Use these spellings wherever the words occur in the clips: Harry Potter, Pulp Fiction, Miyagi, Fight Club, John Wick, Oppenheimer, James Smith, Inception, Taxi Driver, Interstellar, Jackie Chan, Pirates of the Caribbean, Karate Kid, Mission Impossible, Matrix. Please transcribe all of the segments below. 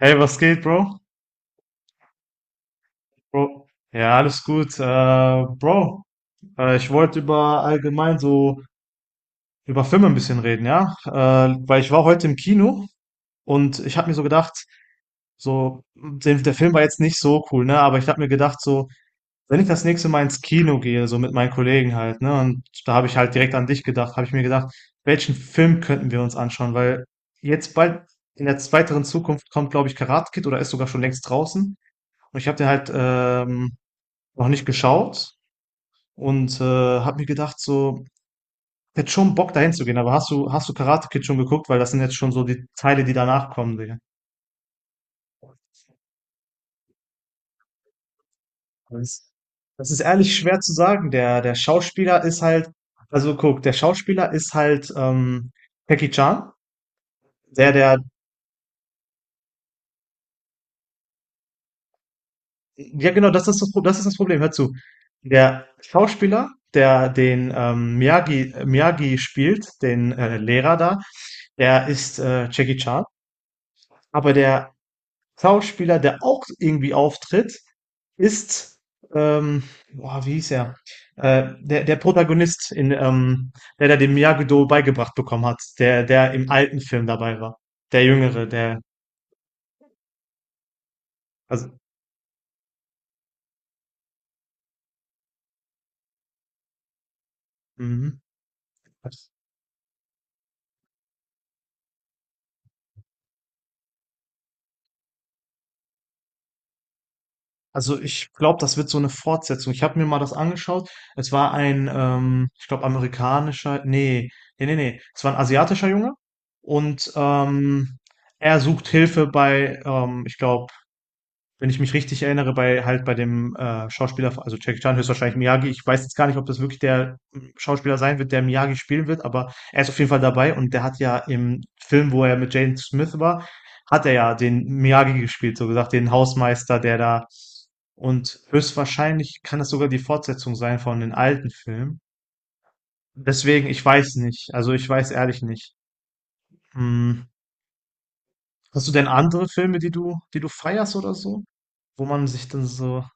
Hey, was geht, Bro? Bro. Ja, alles gut. Bro, ich wollte über allgemein so über Filme ein bisschen reden, ja? Weil ich war heute im Kino und ich habe mir so gedacht, so, der Film war jetzt nicht so cool, ne? Aber ich habe mir gedacht, so, wenn ich das nächste Mal ins Kino gehe, so mit meinen Kollegen halt, ne? Und da habe ich halt direkt an dich gedacht, habe ich mir gedacht, welchen Film könnten wir uns anschauen? Weil jetzt bald in der weiteren Zukunft kommt, glaube ich, Karate Kid oder ist sogar schon längst draußen. Und ich habe den halt noch nicht geschaut und habe mir gedacht, so, ich hätte schon Bock dahin zu gehen, aber hast du Karate Kid schon geguckt? Weil das sind jetzt schon so die Teile, die danach kommen, Digga. Das, das ist ehrlich schwer zu sagen. Der Schauspieler ist halt, also guck, der Schauspieler ist halt Jackie Chan. Der, der, ja, genau, das ist das, das ist das Problem. Hör zu. Der Schauspieler, der den Miyagi spielt, den Lehrer da, der ist Jackie Chan. Aber der Schauspieler, der auch irgendwie auftritt, ist, ähm, boah, wie hieß er? Der Protagonist, in, der da den Miyagi-Do beigebracht bekommen hat, der im alten Film dabei war. Der Jüngere, der, also, mhm. Also ich glaube, das wird so eine Fortsetzung. Ich habe mir mal das angeschaut. Es war ein, ich glaube, amerikanischer, nee, nee, nee, nee. Es war ein asiatischer Junge und er sucht Hilfe bei, ich glaube, wenn ich mich richtig erinnere, bei halt bei dem Schauspieler, also Jackie Chan höchstwahrscheinlich Miyagi. Ich weiß jetzt gar nicht, ob das wirklich der Schauspieler sein wird, der Miyagi spielen wird, aber er ist auf jeden Fall dabei und der hat ja im Film, wo er mit Jane Smith war, hat er ja den Miyagi gespielt, so gesagt, den Hausmeister, der da und höchstwahrscheinlich kann das sogar die Fortsetzung sein von den alten Filmen. Deswegen, ich weiß nicht. Also ich weiß ehrlich nicht. Hm. Hast du denn andere Filme, die du, feierst oder so, wo man sich dann so.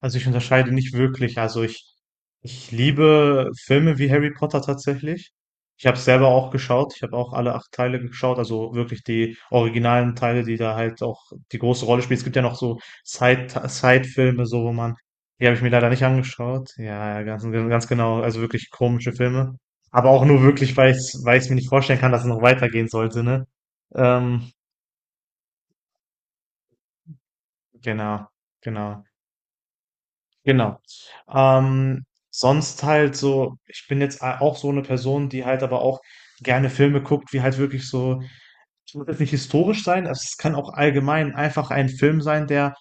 Also ich unterscheide nicht wirklich. Also ich liebe Filme wie Harry Potter tatsächlich. Ich habe selber auch geschaut. Ich habe auch alle acht Teile geschaut. Also wirklich die originalen Teile, die da halt auch die große Rolle spielen. Es gibt ja noch so Side-Filme, so wo man, die habe ich mir leider nicht angeschaut. Ja, ja, ganz, ganz genau. Also wirklich komische Filme. Aber auch nur wirklich, weil ich es mir nicht vorstellen kann, dass es noch weitergehen sollte, ne? Ähm, genau, genau. Genau. Ähm, sonst halt so, ich bin jetzt auch so eine Person, die halt aber auch gerne Filme guckt, wie halt wirklich so, es muss jetzt nicht historisch sein, es kann auch allgemein einfach ein Film sein, der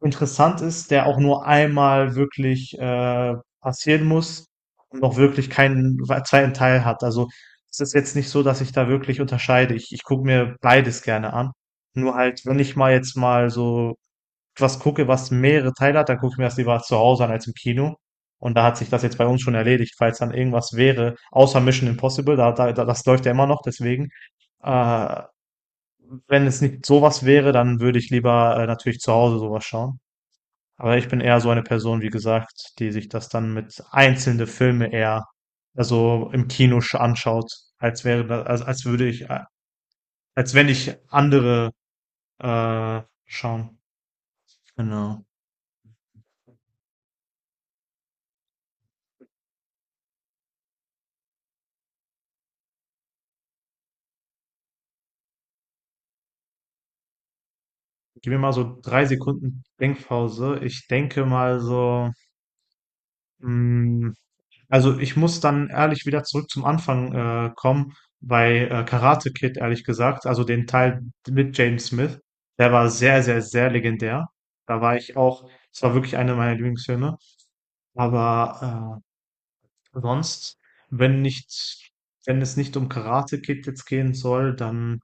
interessant ist, der auch nur einmal wirklich passieren muss und auch wirklich keinen zweiten Teil hat. Also es ist jetzt nicht so, dass ich da wirklich unterscheide. Ich gucke mir beides gerne an. Nur halt, wenn ich mal jetzt mal so was gucke, was mehrere Teile hat, dann gucke ich mir das lieber zu Hause an als im Kino. Und da hat sich das jetzt bei uns schon erledigt, falls dann irgendwas wäre, außer Mission Impossible, das läuft ja immer noch, deswegen. Äh, wenn es nicht sowas wäre, dann würde ich lieber natürlich zu Hause sowas schauen. Aber ich bin eher so eine Person, wie gesagt, die sich das dann mit einzelne Filme eher also im Kino anschaut, als wäre das, als, als würde ich, als wenn ich andere schauen. Genau. Gib mir mal so 3 Sekunden Denkpause. Ich denke mal so, mh, also ich muss dann ehrlich wieder zurück zum Anfang kommen bei Karate Kid, ehrlich gesagt. Also den Teil mit James Smith. Der war sehr, sehr, sehr legendär. Da war ich auch, es war wirklich einer meiner Lieblingsfilme. Aber sonst, wenn nicht, wenn es nicht um Karate Kid jetzt gehen soll, dann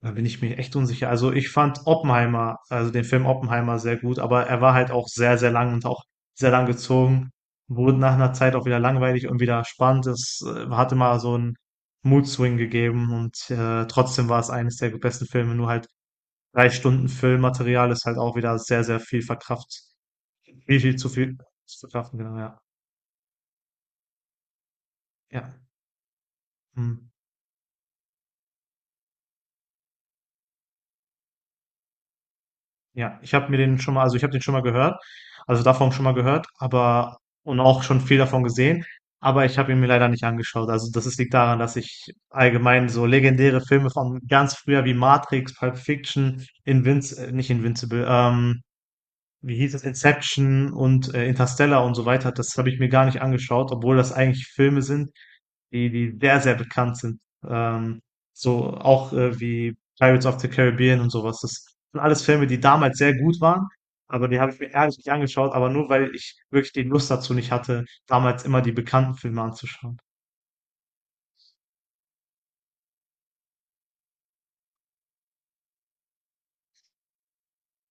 Da bin ich mir echt unsicher. Also ich fand Oppenheimer, also den Film Oppenheimer sehr gut, aber er war halt auch sehr, sehr lang und auch sehr lang gezogen. Wurde nach einer Zeit auch wieder langweilig und wieder spannend. Es hatte mal so einen Mood-Swing gegeben und trotzdem war es eines der besten Filme. Nur halt 3 Stunden Filmmaterial ist halt auch wieder sehr, sehr viel verkraft. Viel, viel zu verkraften, genau, ja. Ja. Hm. Ja, ich habe mir den schon mal also, ich habe den schon mal gehört, also, davon schon mal gehört, aber und auch schon viel davon gesehen, aber ich habe ihn mir leider nicht angeschaut. Also, das ist liegt daran, dass ich allgemein so legendäre Filme von ganz früher wie Matrix, Pulp Fiction, Invinci nicht Invincible, wie hieß es? Inception und, Interstellar und so weiter, das habe ich mir gar nicht angeschaut, obwohl das eigentlich Filme sind, die sehr, sehr bekannt sind. Ähm, so auch wie Pirates of the Caribbean und sowas. Das sind alles Filme, die damals sehr gut waren, aber die habe ich mir ehrlich nicht angeschaut, aber nur weil ich wirklich die Lust dazu nicht hatte, damals immer die bekannten Filme anzuschauen.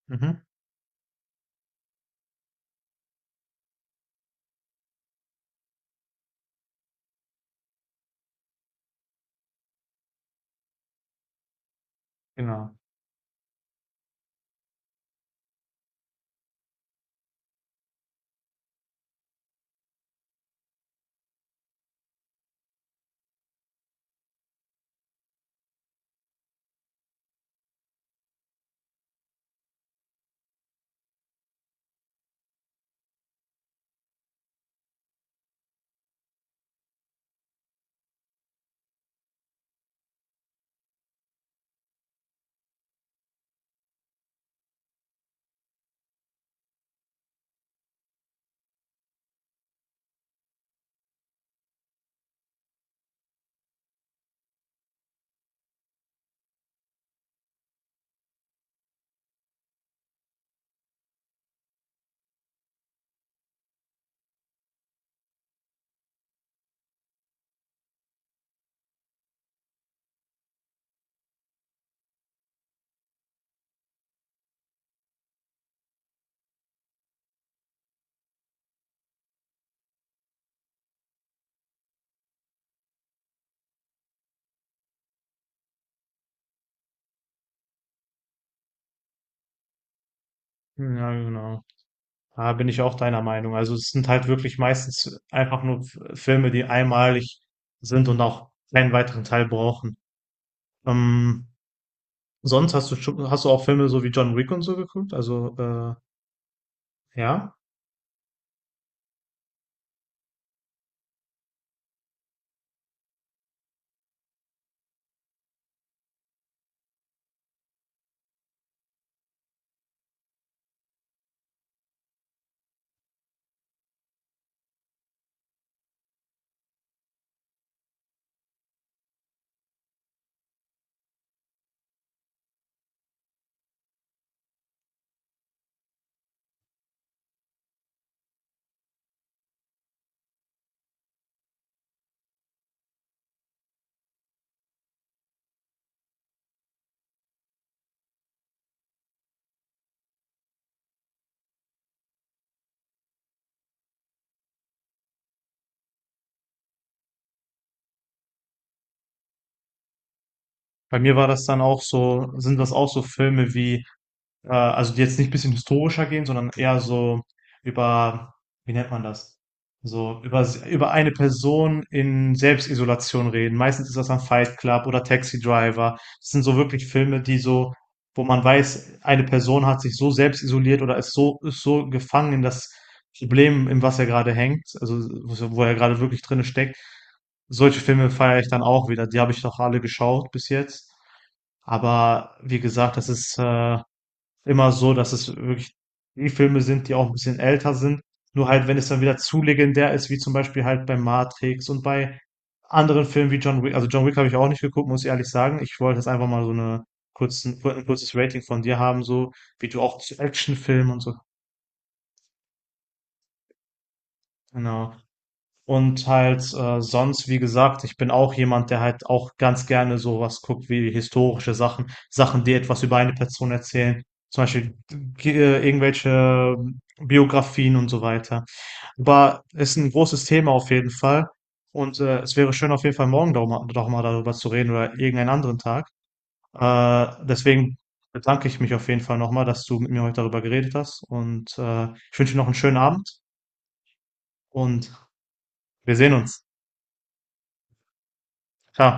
Mhm, genau. Ja, genau. Da bin ich auch deiner Meinung. Also es sind halt wirklich meistens einfach nur Filme, die einmalig sind und auch keinen weiteren Teil brauchen. Ähm, sonst hast du auch Filme so wie John Wick und so geguckt? Also ja. Bei mir war das dann auch so sind das auch so Filme wie also die jetzt nicht ein bisschen historischer gehen, sondern eher so über, wie nennt man das? So über eine Person in Selbstisolation reden. Meistens ist das dann Fight Club oder Taxi Driver. Das sind so wirklich Filme, die so, wo man weiß, eine Person hat sich so selbst isoliert oder ist so gefangen in das Problem, in was er gerade hängt, also wo er gerade wirklich drinne steckt. Solche Filme feiere ich dann auch wieder. Die habe ich noch alle geschaut bis jetzt. Aber wie gesagt, das ist immer so, dass es wirklich die Filme sind, die auch ein bisschen älter sind. Nur halt, wenn es dann wieder zu legendär ist, wie zum Beispiel halt bei Matrix und bei anderen Filmen wie John Wick. Also John Wick habe ich auch nicht geguckt, muss ich ehrlich sagen. Ich wollte jetzt einfach mal so ein kurzes Rating von dir haben, so wie du auch zu Actionfilmen und so. Genau. Und halt sonst, wie gesagt, ich bin auch jemand, der halt auch ganz gerne sowas guckt wie historische Sachen, Sachen, die etwas über eine Person erzählen, zum Beispiel irgendwelche Biografien und so weiter. Aber ist ein großes Thema auf jeden Fall. Und es wäre schön, auf jeden Fall morgen doch mal darüber zu reden oder irgendeinen anderen Tag. Deswegen bedanke ich mich auf jeden Fall nochmal, dass du mit mir heute darüber geredet hast. Und ich wünsche dir noch einen schönen Abend und wir sehen uns. Ciao.